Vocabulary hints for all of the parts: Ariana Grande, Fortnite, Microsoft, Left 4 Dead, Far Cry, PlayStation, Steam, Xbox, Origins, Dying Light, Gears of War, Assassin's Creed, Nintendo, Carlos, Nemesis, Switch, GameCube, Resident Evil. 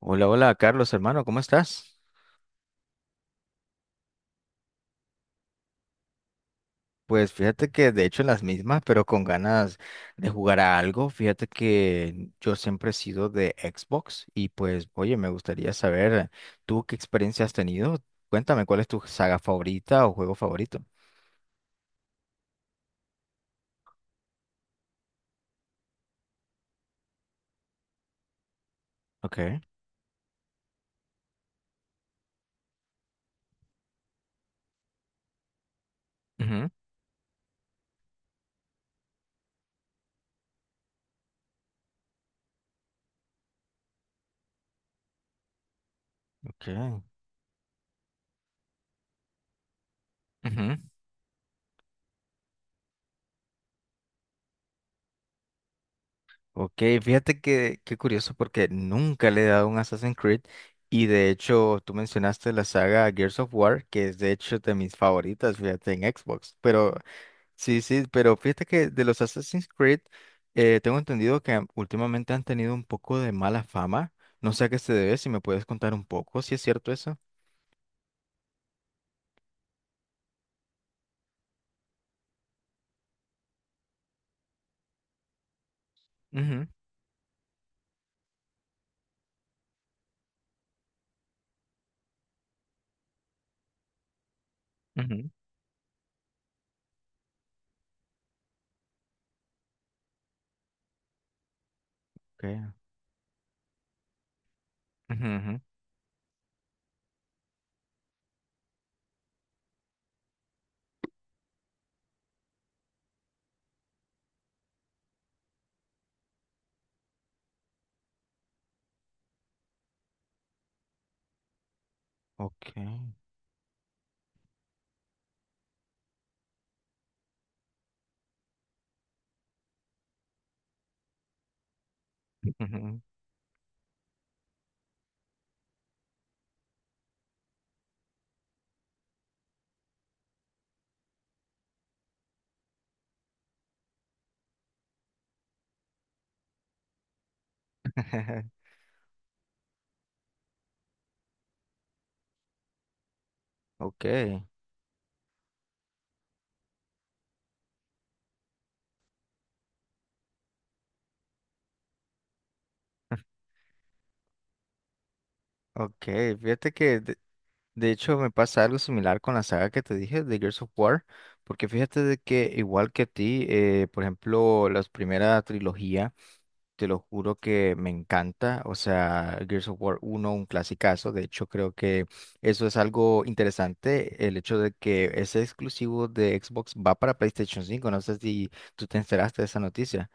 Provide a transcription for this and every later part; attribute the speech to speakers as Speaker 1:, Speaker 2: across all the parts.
Speaker 1: Hola, hola, Carlos, hermano, ¿cómo estás? Pues fíjate que de hecho en las mismas, pero con ganas de jugar a algo. Fíjate que yo siempre he sido de Xbox y pues, oye, me gustaría saber tú qué experiencia has tenido. Cuéntame, ¿cuál es tu saga favorita o juego favorito? Ok. Ujú. Ok. Ujú. Ok, fíjate que qué curioso porque nunca le he dado un Assassin's Creed y de hecho tú mencionaste la saga Gears of War, que es de hecho de mis favoritas, fíjate, en Xbox. Pero Sí, sí, pero fíjate que de los Assassin's Creed, tengo entendido que últimamente han tenido un poco de mala fama. No sé a qué se debe, si me puedes contar un poco, si es cierto eso. Ujú, ujú. Okay. Ujú, ujú. Okay. Ujú. Okay. Ok, fíjate que de hecho me pasa algo similar con la saga que te dije de Gears of War, porque fíjate de que igual que a ti, por ejemplo, las primeras trilogía. Te lo juro que me encanta, o sea, Gears of War uno, un clasicazo, de hecho creo que eso es algo interesante, el hecho de que ese exclusivo de Xbox va para PlayStation 5. No sé si tú te enteraste de esa noticia.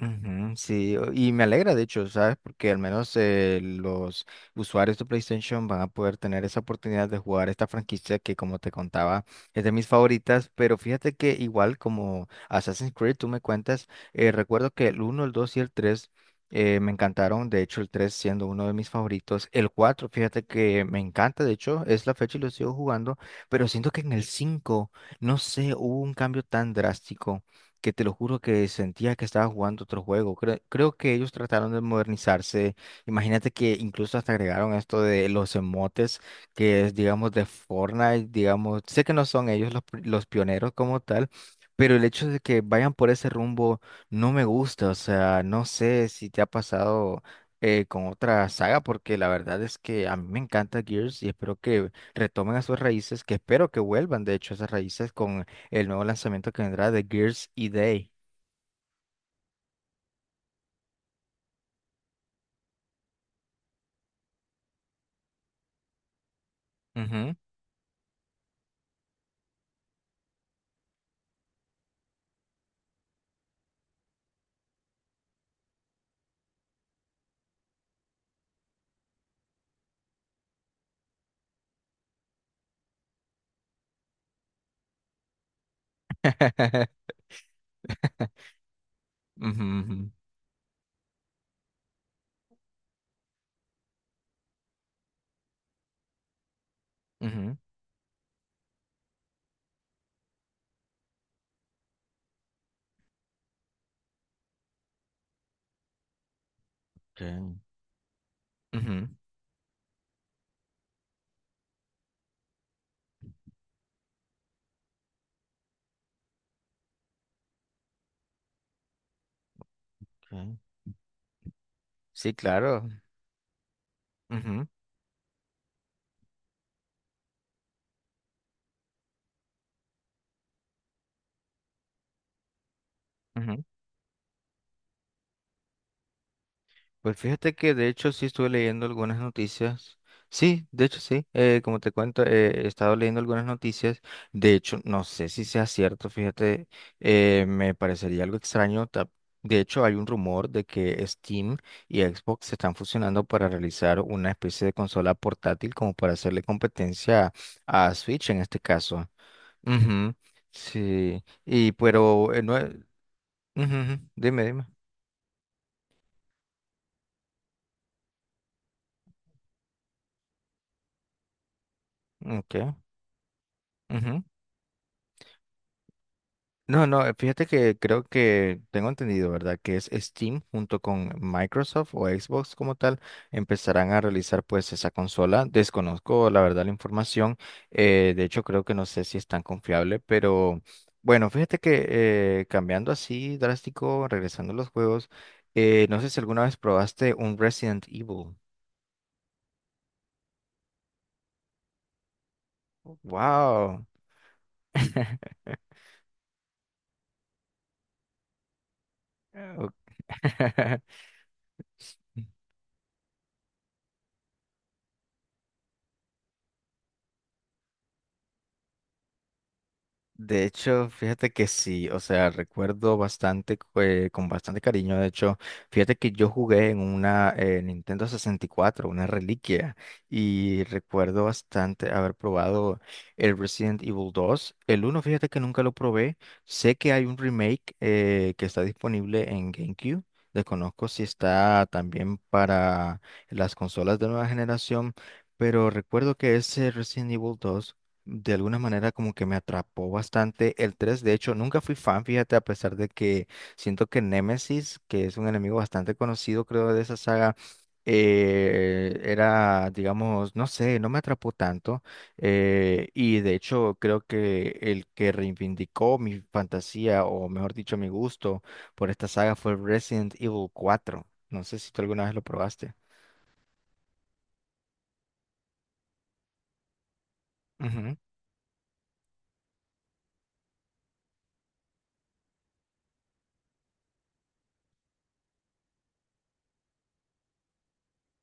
Speaker 1: Ujú, sí, y me alegra de hecho, ¿sabes? Porque al menos los usuarios de PlayStation van a poder tener esa oportunidad de jugar esta franquicia que, como te contaba, es de mis favoritas, pero fíjate que igual como Assassin's Creed, tú me cuentas. Recuerdo que el uno, el 2 y el 3 me encantaron, de hecho el 3 siendo uno de mis favoritos. El 4, fíjate que me encanta, de hecho es la fecha y lo sigo jugando, pero siento que en el cinco, no sé, hubo un cambio tan drástico que te lo juro que sentía que estaba jugando otro juego. Creo que ellos trataron de modernizarse. Imagínate que incluso hasta agregaron esto de los emotes, que es, digamos, de Fortnite, digamos, sé que no son ellos los pioneros como tal. Pero el hecho de que vayan por ese rumbo no me gusta, o sea, no sé si te ha pasado con otra saga, porque la verdad es que a mí me encanta Gears y espero que retomen a sus raíces, que espero que vuelvan, de hecho, a esas raíces con el nuevo lanzamiento que vendrá de Gears y Day. Ujú. Ujú, ujú, ujú. Okay. Ujú. Okay. Sí, claro. Ujú, ujú. Pues fíjate que de hecho sí estuve leyendo algunas noticias. Sí, de hecho sí. Como te cuento, he estado leyendo algunas noticias. De hecho, no sé si sea cierto, fíjate, me parecería algo extraño. De hecho, hay un rumor de que Steam y Xbox se están fusionando para realizar una especie de consola portátil como para hacerle competencia a Switch en este caso. Ujú. Sí, y pero no, ujú, ujú. Dime, dime. Okay. No, no, fíjate que creo que tengo entendido, ¿verdad? Que es Steam junto con Microsoft o Xbox como tal, empezarán a realizar pues esa consola. Desconozco la verdad la información, de hecho creo que no sé si es tan confiable, pero bueno, fíjate que cambiando así drástico, regresando a los juegos, no sé si alguna vez probaste un Resident Evil. Wow. De hecho, fíjate que sí, o sea, recuerdo bastante, con bastante cariño, de hecho, fíjate que yo jugué en una Nintendo 64, una reliquia, y recuerdo bastante haber probado el Resident Evil 2. El uno, fíjate que nunca lo probé, sé que hay un remake que está disponible en GameCube, desconozco si está también para las consolas de nueva generación, pero recuerdo que ese Resident Evil 2 de alguna manera como que me atrapó bastante. El tres, de hecho, nunca fui fan, fíjate, a pesar de que siento que Nemesis, que es un enemigo bastante conocido, creo, de esa saga, era, digamos, no sé, no me atrapó tanto. Y de hecho, creo que el que reivindicó mi fantasía, o mejor dicho, mi gusto por esta saga fue Resident Evil 4. No sé si tú alguna vez lo probaste.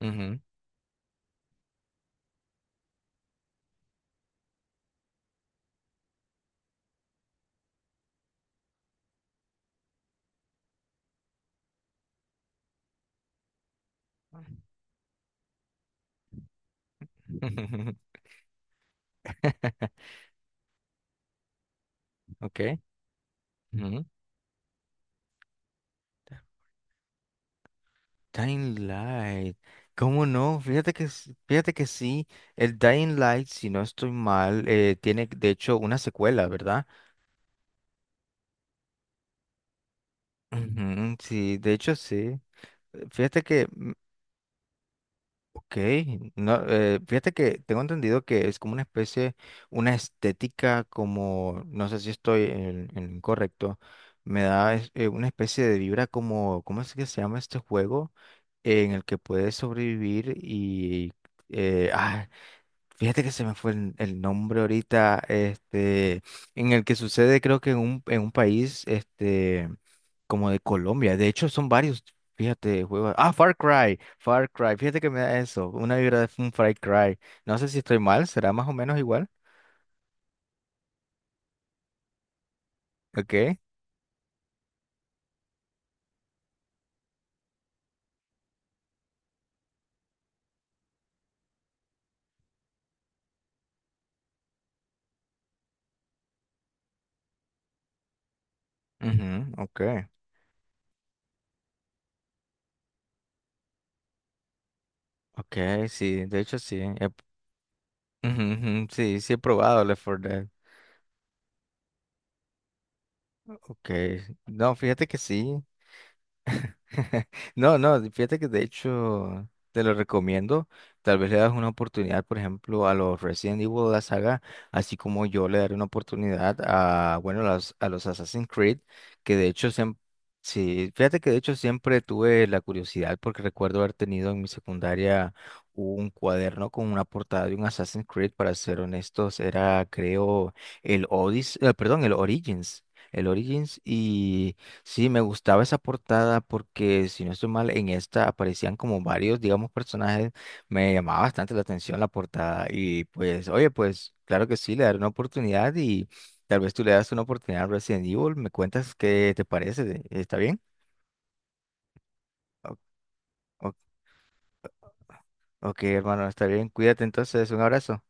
Speaker 1: Ujú, ujú. Ok. Dying Light. ¿Cómo no? Fíjate que, fíjate que sí, el Dying Light, si no estoy mal, tiene de hecho una secuela, ¿verdad? Ujú, sí, de hecho sí. Fíjate que, ok, no, fíjate que tengo entendido que es como una especie, una estética como, no sé si estoy en lo incorrecto, me da una especie de vibra como, ¿cómo es que se llama este juego? En el que puedes sobrevivir y eh, ah, fíjate que se me fue el nombre ahorita, en el que sucede creo que en en un país, como de Colombia. De hecho, son varios, fíjate, juegos. Ah, Far Cry, Far Cry, fíjate que me da eso, una vibra de un Far Cry. No sé si estoy mal, será más o menos igual. Ok. Mhm. Ok, ok, sí, de hecho sí. Ujú, ujú, sí, sí he probado Left 4 Dead. Ok, no, fíjate que sí. No, no, fíjate que de hecho te lo recomiendo. Tal vez le das una oportunidad, por ejemplo, a los Resident Evil de la saga, así como yo le daré una oportunidad a, bueno, a los Assassin's Creed, que de hecho siempre, sí, fíjate que de hecho siempre tuve la curiosidad porque recuerdo haber tenido en mi secundaria un cuaderno con una portada de un Assassin's Creed. Para ser honestos, era creo el Odyssey, perdón, el Origins, el Origins. Sí, me gustaba esa portada porque, si no estoy mal, en esta aparecían como varios, digamos, personajes. Me llamaba bastante la atención la portada y pues, oye, pues claro que sí, le daré una oportunidad y tal vez tú le das una oportunidad a Resident Evil. ¿Me cuentas qué te parece? ¿Está bien? O- o- ok, hermano, está bien. Cuídate entonces. Un abrazo.